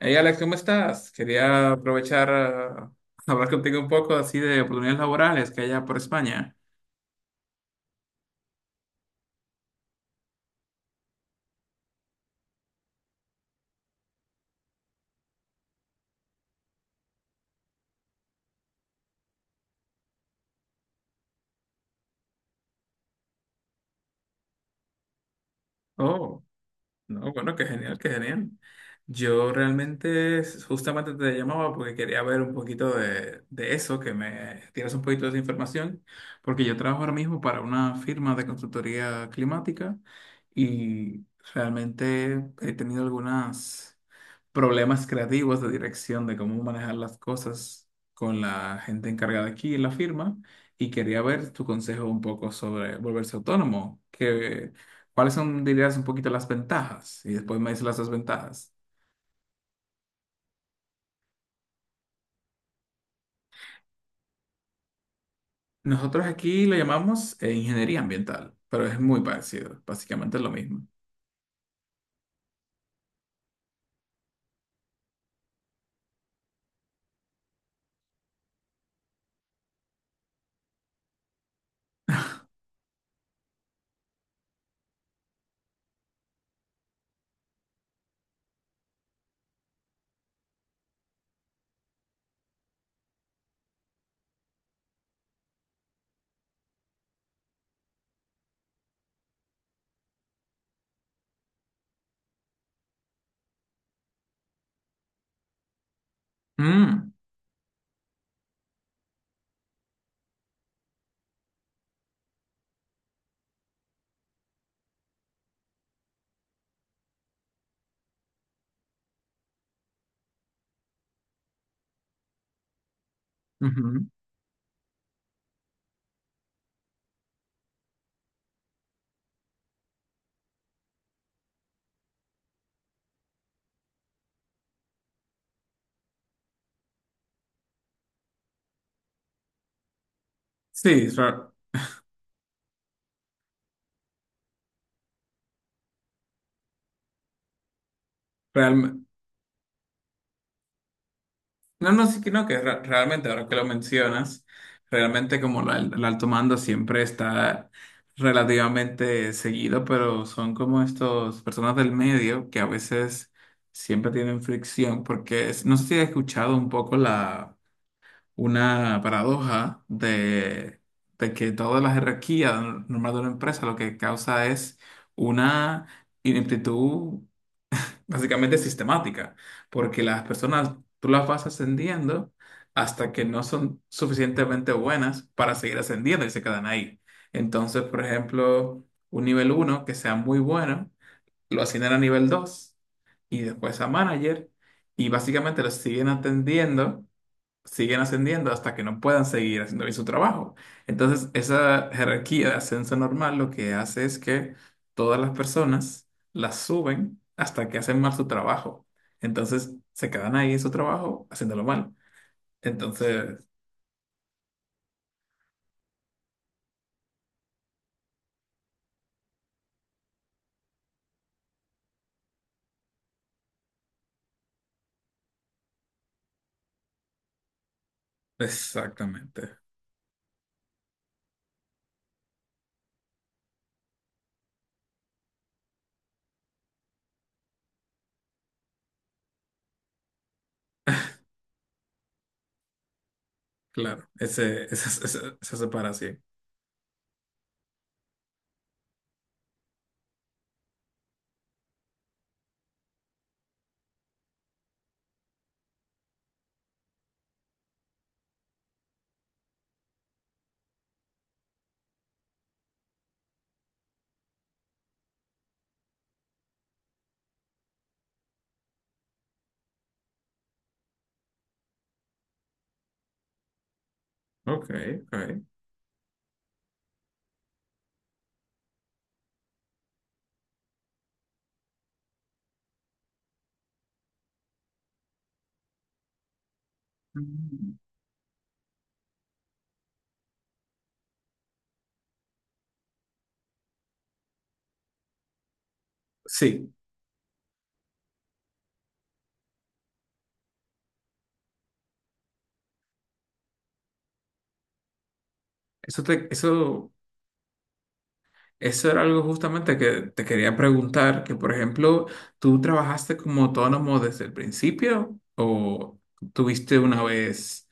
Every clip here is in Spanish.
Hey Alex, ¿cómo estás? Quería aprovechar a hablar contigo un poco así de oportunidades laborales que hay allá por España. Oh. No, bueno, qué genial, qué genial. Yo realmente justamente te llamaba porque quería ver un poquito de eso, que me tienes un poquito de esa información, porque yo trabajo ahora mismo para una firma de consultoría climática y realmente he tenido algunos problemas creativos de dirección de cómo manejar las cosas con la gente encargada aquí en la firma y quería ver tu consejo un poco sobre volverse autónomo. ¿Cuáles son, dirías, un poquito las ventajas? Y después me dices las desventajas. Nosotros aquí lo llamamos ingeniería ambiental, pero es muy parecido, básicamente es lo mismo. Mm, ujú. Sí, realmente. No, sí que no, que realmente, ahora que lo mencionas, realmente como el alto mando siempre está relativamente seguido, pero son como estos personas del medio que a veces siempre tienen fricción, porque no sé si has escuchado un poco la una paradoja de que toda la jerarquía normal de una empresa lo que causa es una ineptitud básicamente sistemática, porque las personas tú las vas ascendiendo hasta que no son suficientemente buenas para seguir ascendiendo y se quedan ahí. Entonces, por ejemplo, un nivel uno que sea muy bueno, lo ascienden a nivel 2 y después a manager y básicamente lo siguen atendiendo siguen ascendiendo hasta que no puedan seguir haciendo bien su trabajo. Entonces, esa jerarquía de ascenso normal lo que hace es que todas las personas las suben hasta que hacen mal su trabajo. Entonces, se quedan ahí en su trabajo haciéndolo mal. Entonces, exactamente, claro, esa separación. Ok, ok. Mm. Sí, eso te, eso eso era algo justamente que te quería preguntar, que por ejemplo, ¿tú trabajaste como autónomo desde el principio o tuviste una vez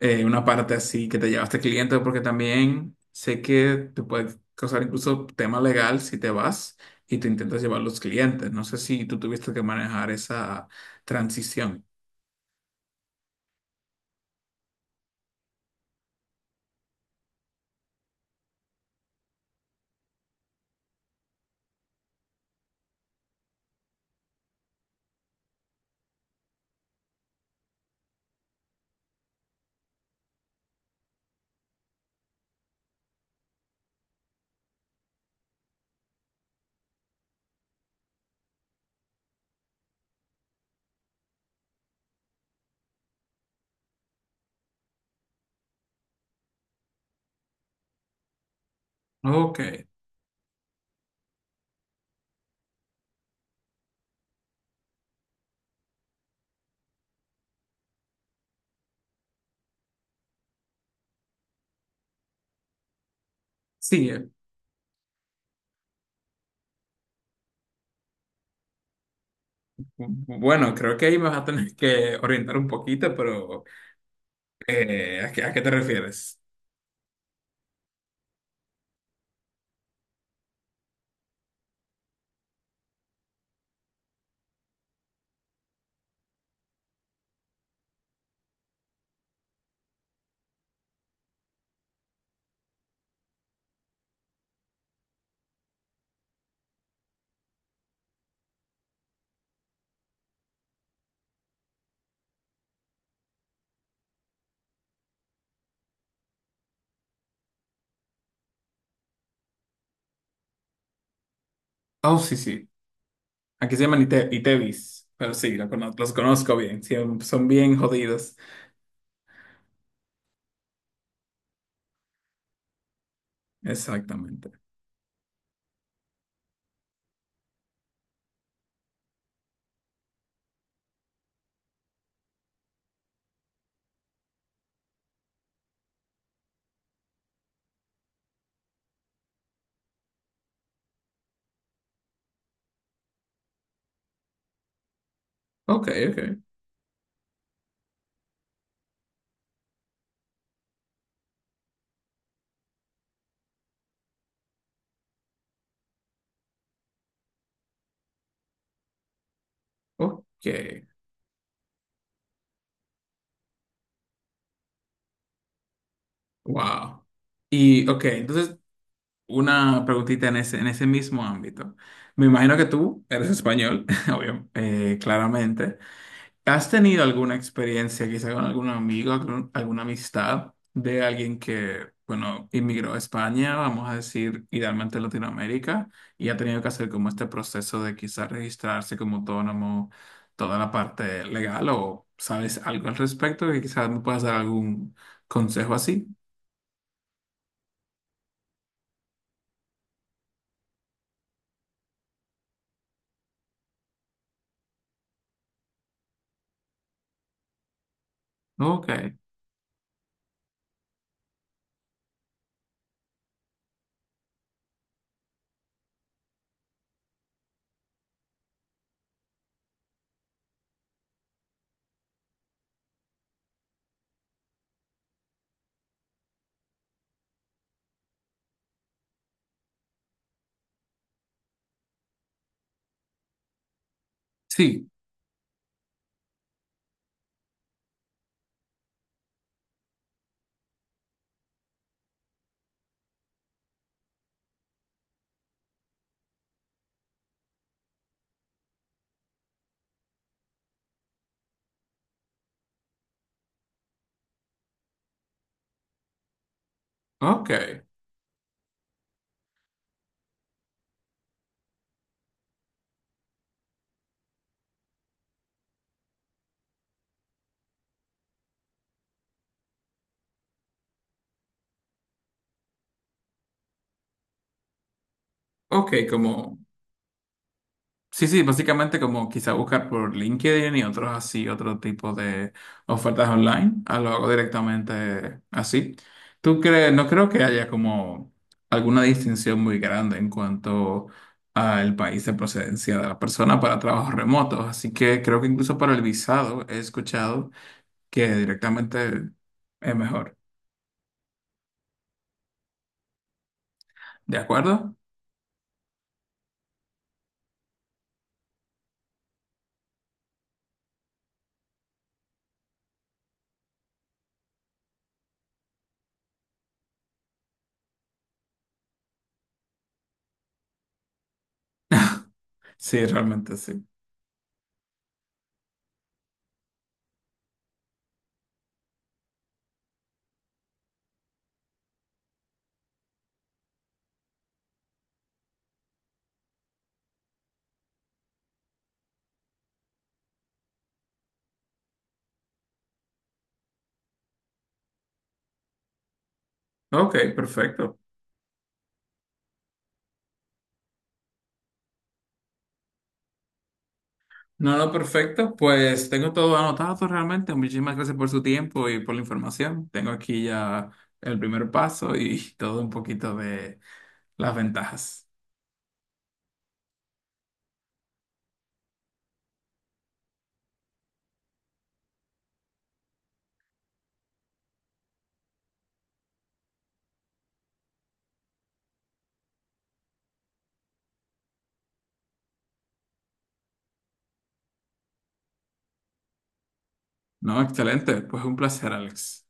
una parte así que te llevaste cliente? Porque también sé que te puede causar incluso tema legal si te vas y te intentas llevar los clientes. No sé si tú tuviste que manejar esa transición. Ok, sí. Bueno, creo que ahí me vas a tener que orientar un poquito, pero a qué te refieres? Oh, sí, sí. Aquí se llaman Itevis, pero sí, los conozco bien, sí, son bien jodidos. Exactamente. Ok, ok, ok, wow. Y ok, entonces una preguntita en ese mismo ámbito. Me imagino que tú eres español, obvio, claramente. ¿Has tenido alguna experiencia quizá con algún amigo, alguna amistad de alguien que, bueno, inmigró a España, vamos a decir, idealmente a Latinoamérica, y ha tenido que hacer como este proceso de quizá registrarse como autónomo, toda la parte legal, o sabes algo al respecto y quizás me puedas dar algún consejo así? Ok, sí, ok, ok, como... Sí, sí, básicamente como quizá buscar por LinkedIn y otros así, otro tipo de ofertas online, ah, lo hago directamente así. ¿Tú crees? No creo que haya como alguna distinción muy grande en cuanto al país de procedencia de la persona para trabajos remotos, así que creo que incluso para el visado he escuchado que directamente es mejor. ¿De acuerdo? Sí, realmente sí. Ok, perfecto. No, no, perfecto. Pues tengo todo anotado realmente. Muchísimas gracias por su tiempo y por la información. Tengo aquí ya el primer paso y todo un poquito de las ventajas. No, excelente. Pues un placer, Alex.